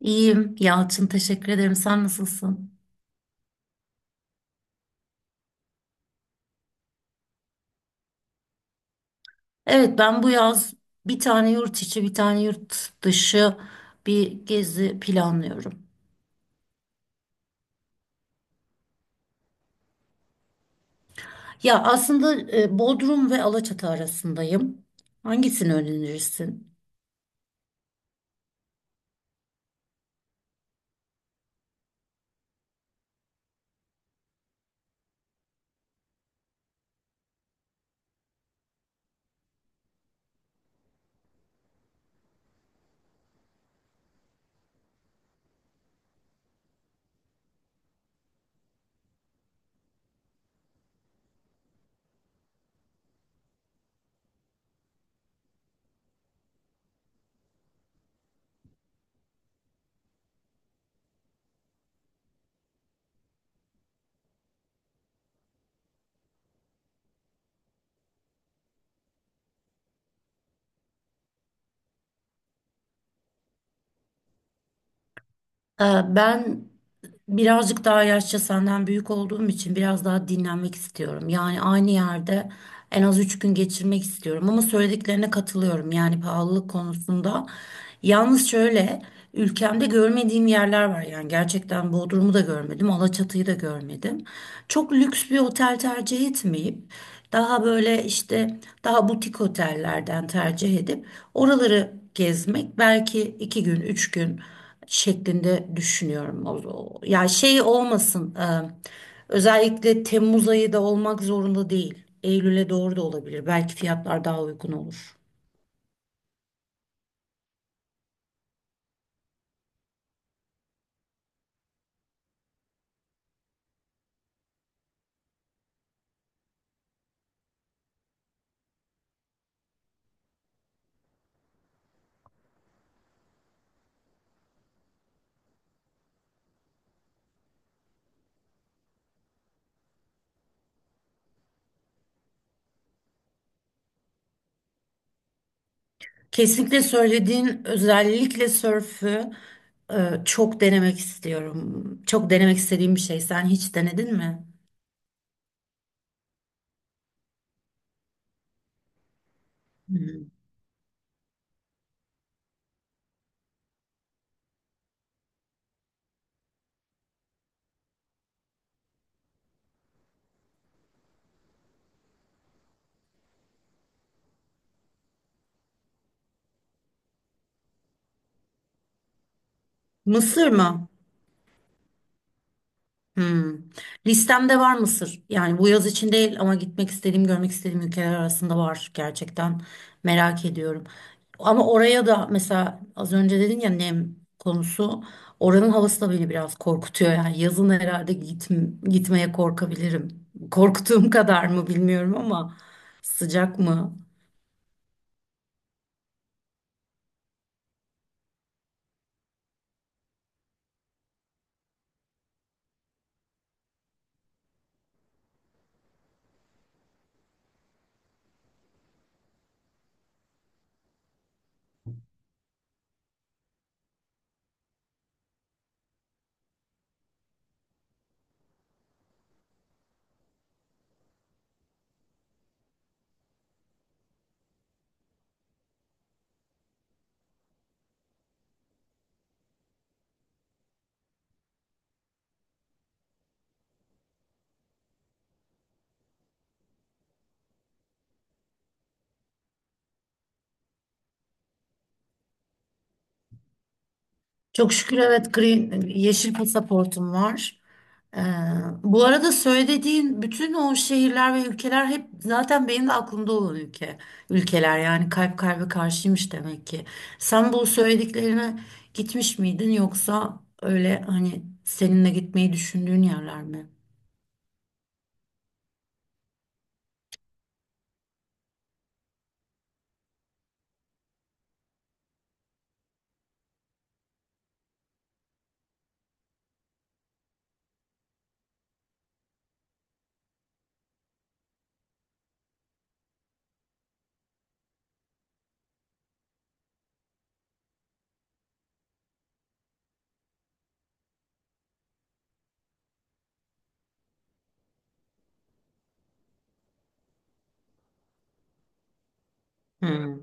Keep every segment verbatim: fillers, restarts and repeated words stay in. İyiyim Yalçın, teşekkür ederim. Sen nasılsın? Evet, ben bu yaz bir tane yurt içi bir tane yurt dışı bir gezi planlıyorum. Ya aslında e, Bodrum ve Alaçatı arasındayım. Hangisini önerirsin? Ee, Ben birazcık daha yaşça senden büyük olduğum için biraz daha dinlenmek istiyorum. Yani aynı yerde en az üç gün geçirmek istiyorum. Ama söylediklerine katılıyorum, yani pahalılık konusunda. Yalnız şöyle, ülkemde görmediğim yerler var, yani gerçekten Bodrum'u da görmedim, Alaçatı'yı da görmedim. Çok lüks bir otel tercih etmeyip daha böyle işte daha butik otellerden tercih edip oraları gezmek belki iki gün, üç gün şeklinde düşünüyorum. O, o- ya şey olmasın. E, özellikle Temmuz ayı da olmak zorunda değil. Eylül'e doğru da olabilir. Belki fiyatlar daha uygun olur. Kesinlikle söylediğin özellikle sörfü e, çok denemek istiyorum. Çok denemek istediğim bir şey. Sen hiç denedin mi? Hı. Mısır mı? Hmm. Listemde var Mısır. Yani bu yaz için değil ama gitmek istediğim, görmek istediğim ülkeler arasında var gerçekten. Merak ediyorum. Ama oraya da, mesela az önce dedin ya, nem konusu. Oranın havası da beni biraz korkutuyor. Yani yazın herhalde git gitmeye korkabilirim. Korktuğum kadar mı bilmiyorum ama sıcak mı? Çok şükür, evet, green, yeşil pasaportum var. Ee, Bu arada söylediğin bütün o şehirler ve ülkeler hep zaten benim de aklımda olan ülke. Ülkeler yani kalp kalbe karşıymış demek ki. Sen bu söylediklerine gitmiş miydin, yoksa öyle hani seninle gitmeyi düşündüğün yerler mi? Hmm.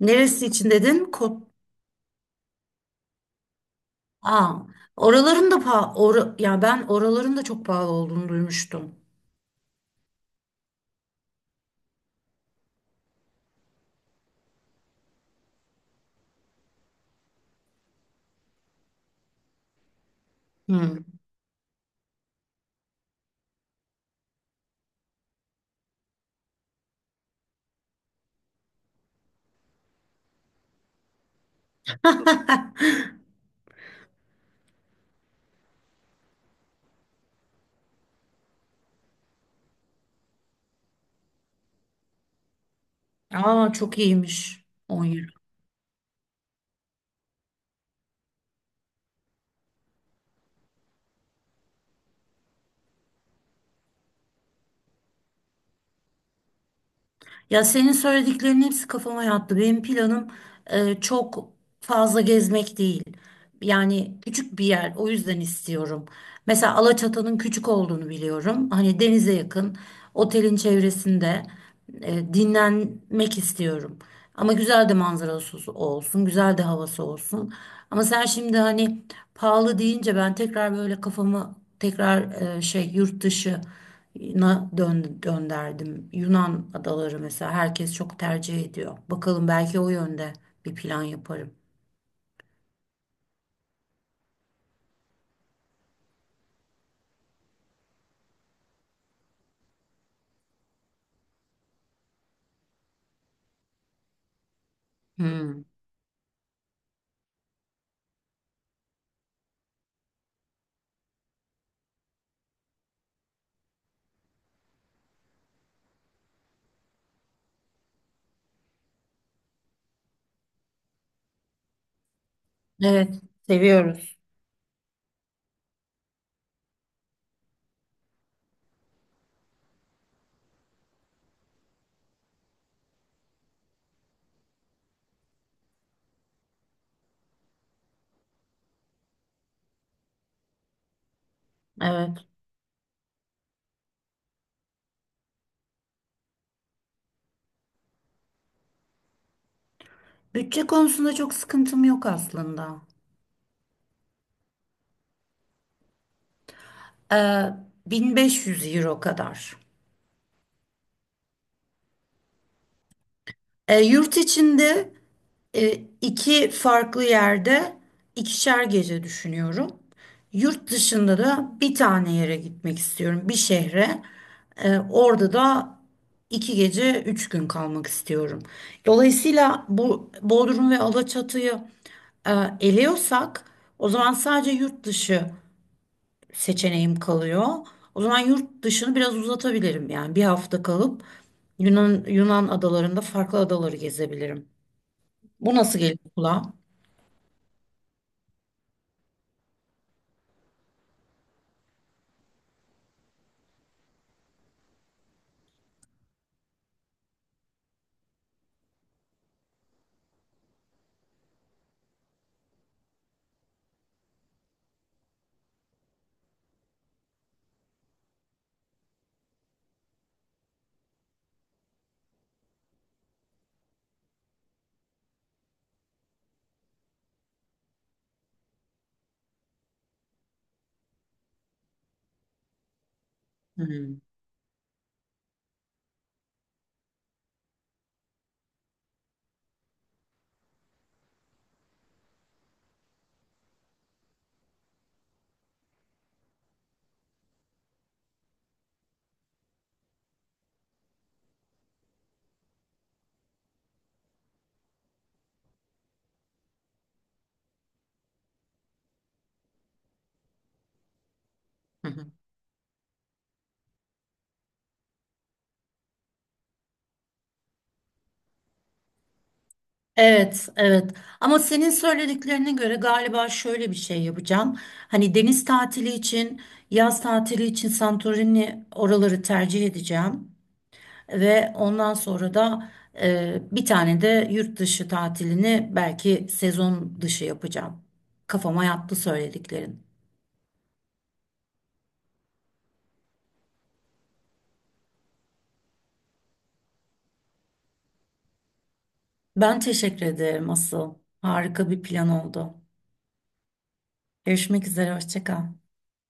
Neresi için dedin? Ko Aa, oraların da pa- ora- ya ben oraların da çok pahalı olduğunu duymuştum. Hmm. Aa, çok iyiymiş. on Ya, senin söylediklerinin hepsi kafama yattı. Benim planım e, çok fazla gezmek değil. Yani küçük bir yer, o yüzden istiyorum. Mesela Alaçatı'nın küçük olduğunu biliyorum. Hani denize yakın, otelin çevresinde e, dinlenmek istiyorum. Ama güzel de manzarası olsun, güzel de havası olsun. Ama sen şimdi hani pahalı deyince ben tekrar böyle kafamı tekrar e, şey yurt dışı na dön dönderdim. Yunan adaları, mesela herkes çok tercih ediyor. Bakalım, belki o yönde bir plan yaparım. Hmm. Evet, seviyoruz. Evet. Bütçe konusunda çok sıkıntım yok aslında. Ee, bin beş yüz euro kadar. E, yurt içinde e, iki farklı yerde ikişer gece düşünüyorum. Yurt dışında da bir tane yere gitmek istiyorum, bir şehre. E, orada da iki gece üç gün kalmak istiyorum. Dolayısıyla bu Bodrum ve Alaçatı'yı e, eliyorsak, o zaman sadece yurt dışı seçeneğim kalıyor. O zaman yurt dışını biraz uzatabilirim, yani bir hafta kalıp Yunan Yunan adalarında farklı adaları gezebilirim. Bu nasıl geliyor kulağa? Hmm. Hı hı. Evet, evet. Ama senin söylediklerine göre galiba şöyle bir şey yapacağım. Hani deniz tatili için, yaz tatili için Santorini oraları tercih edeceğim. Ve ondan sonra da e, bir tane de yurt dışı tatilini belki sezon dışı yapacağım. Kafama yattı söylediklerin. Ben teşekkür ederim asıl. Harika bir plan oldu. Görüşmek üzere, hoşça kal.